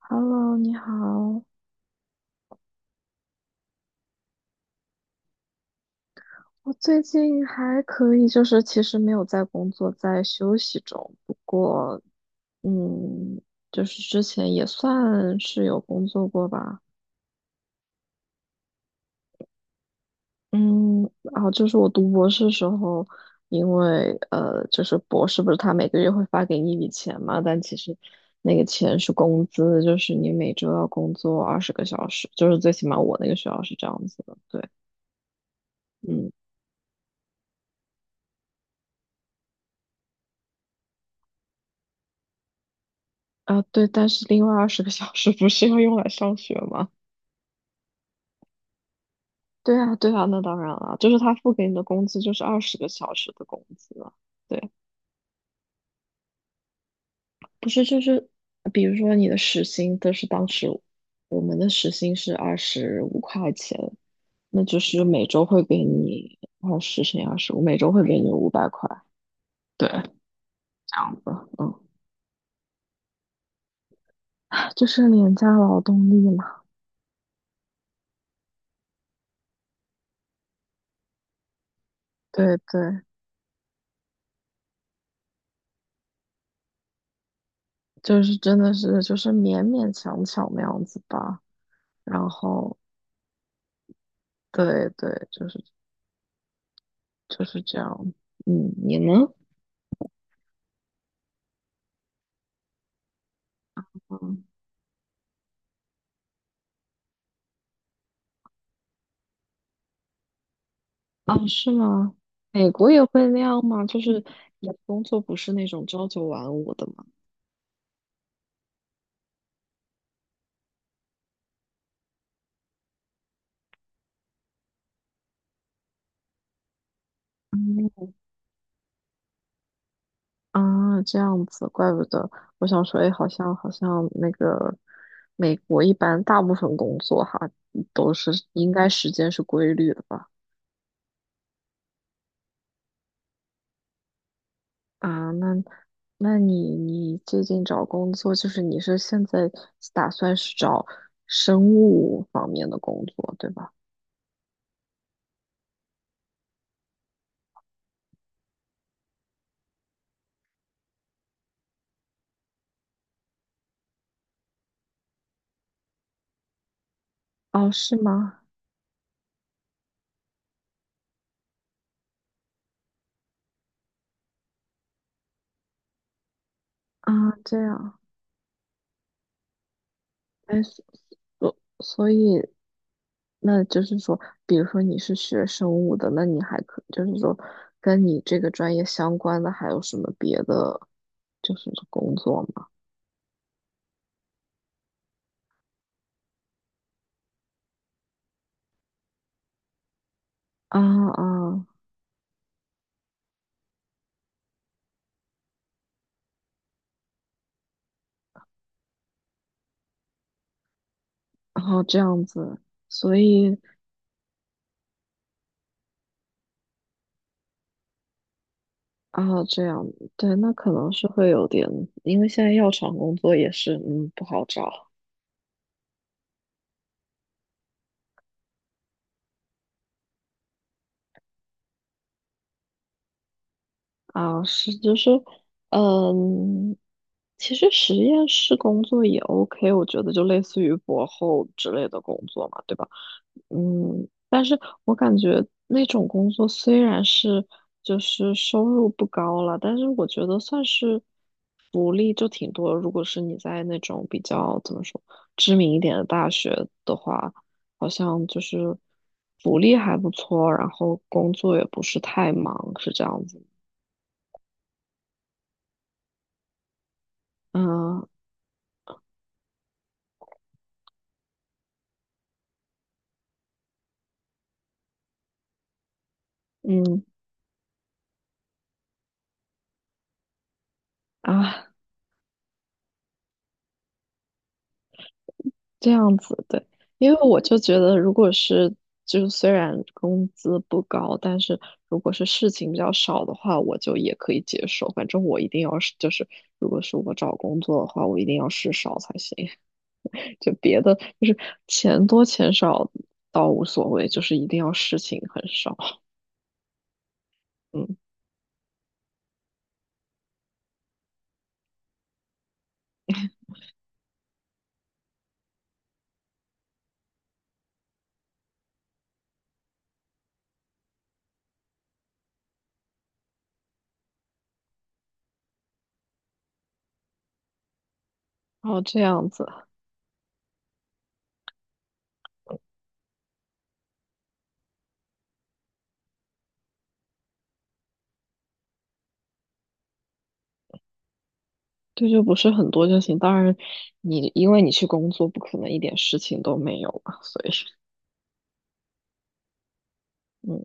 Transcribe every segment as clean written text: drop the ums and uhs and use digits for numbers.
Hello，你好。我最近还可以，就是其实没有在工作，在休息中。不过，嗯，就是之前也算是有工作过吧。嗯，然后就是我读博士时候，因为就是博士不是他每个月会发给你一笔钱嘛，但其实那个钱是工资，就是你每周要工作二十个小时，就是最起码我那个学校是这样子的。对，嗯。啊，对，但是另外二十个小时不是要用来上学吗？对啊，对啊，那当然了，就是他付给你的工资就是二十个小时的工资啊。对，不是就是，比如说你的时薪，就是当时我们的时薪是25块钱，那就是每周会给你20乘以25，每周会给你500块。对，这样子，嗯，就是廉价劳动力嘛。对对，就是真的是就是勉勉强强那样子吧。然后对对，就是这样。你呢？嗯，哦，是吗？美国也会那样吗？就是你的工作不是那种朝九晚五的吗？嗯啊，这样子，怪不得。我想说，哎，好像那个美国一般大部分工作哈都是应该时间是规律的吧？啊，那你最近找工作，就是你是现在打算是找生物方面的工作，对吧？哦，是吗？啊，这样，哎，所以，那就是说，比如说你是学生物的，那你还可就是说，跟你这个专业相关的还有什么别的，就是工作吗？啊啊，然后这样子，所以啊，这样，对，那可能是会有点，因为现在药厂工作也是，不好找。啊，是就是，嗯，其实实验室工作也 OK,我觉得就类似于博后之类的工作嘛，对吧？但是我感觉那种工作虽然是就是收入不高了，但是我觉得算是福利就挺多。如果是你在那种比较怎么说知名一点的大学的话，好像就是福利还不错，然后工作也不是太忙，是这样子。嗯，嗯啊，这样子对，因为我就觉得，如果是就是虽然工资不高，但是如果是事情比较少的话，我就也可以接受。反正我一定要是就是，如果是我找工作的话，我一定要事少才行。就别的就是钱多钱少倒无所谓，就是一定要事情很少。嗯，然后这样子，对，就不是很多就行。当然你，因为你去工作，不可能一点事情都没有嘛，所以嗯。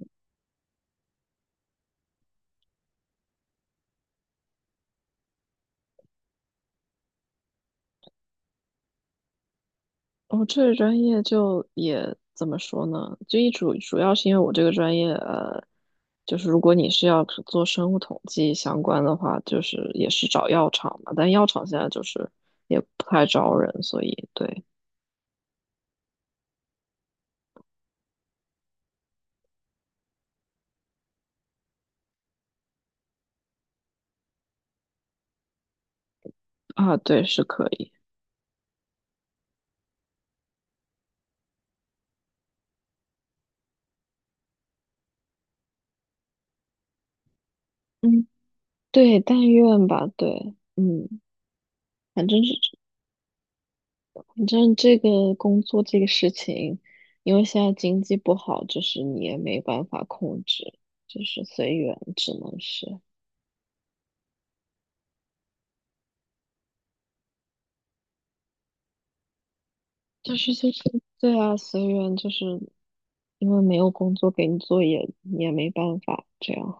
哦，这个专业就也怎么说呢？就一主要是因为我这个专业，就是如果你是要是做生物统计相关的话，就是也是找药厂嘛，但药厂现在就是也不太招人，所以对啊，对是可以，嗯，对，但愿吧，对，反正是反正这个工作这个事情，因为现在经济不好，就是你也没办法控制，就是随缘，只能是。就是对啊，随缘，就是因为没有工作给你做也，也没办法这样。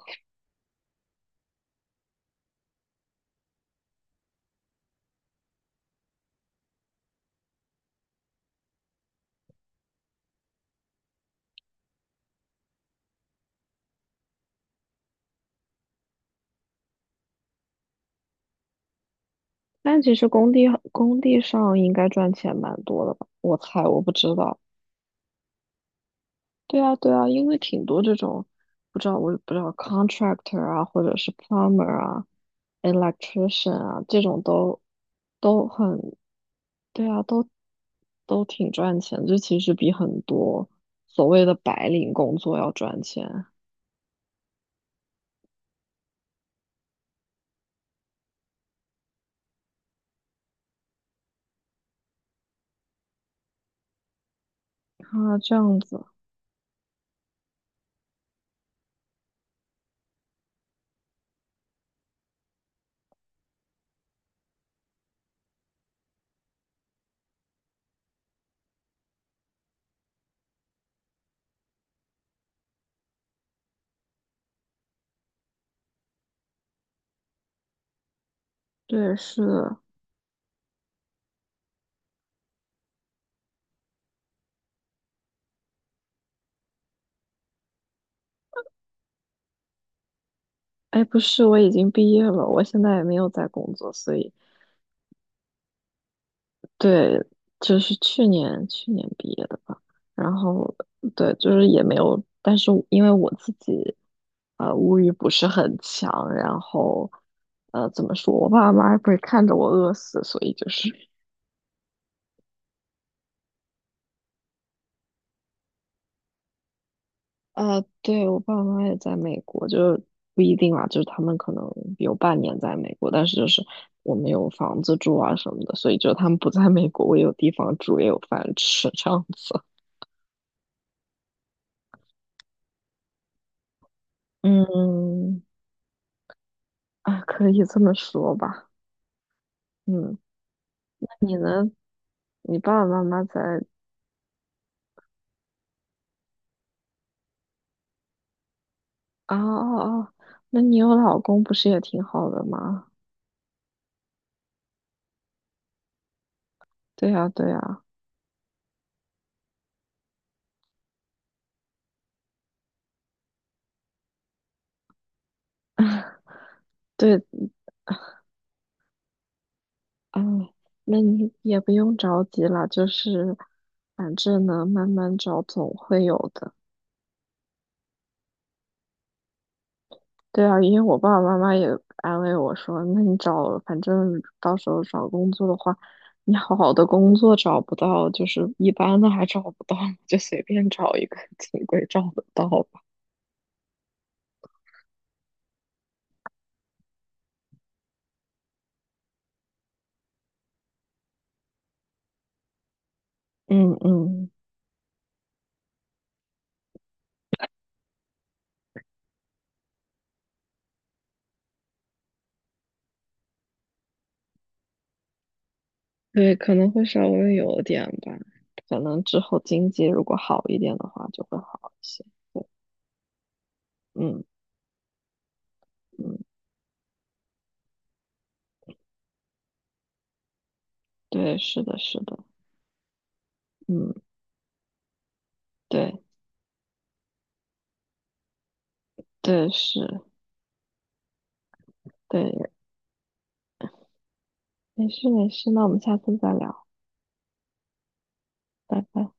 但其实工地上应该赚钱蛮多的吧？我猜，我不知道。对啊，对啊，因为挺多这种，不知道我也不知道 contractor 啊，或者是 plumber 啊，electrician 啊，这种都很，对啊，都挺赚钱，就其实比很多所谓的白领工作要赚钱啊，这样子。对，是，哎，不是，我已经毕业了，我现在也没有在工作，所以对，就是去年毕业的吧。然后对，就是也没有，但是因为我自己物欲不是很强，然后怎么说，我爸妈也不会看着我饿死，所以就是 对，我爸妈也在美国，就是不一定啦，就是他们可能有半年在美国，但是就是我们有房子住啊什么的，所以就他们不在美国，我有地方住，也有饭吃这样子。嗯，啊，可以这么说吧。嗯，你爸爸妈妈在啊啊啊，那你有老公不是也挺好的吗？对呀，对呀，对，哎，那你也不用着急了，就是反正呢，慢慢找总会有的。对啊，因为我爸爸妈妈也安慰我说，那你找，反正到时候找工作的话，你好的工作找不到，就是一般的还找不到，就随便找一个，总归找得到吧。嗯嗯，对，可能会稍微有点吧，可能之后经济如果好一点的话，就会好一些。嗯嗯，对，是的，是的，嗯，对对是，对，没事没事，那我们下次再聊，拜拜。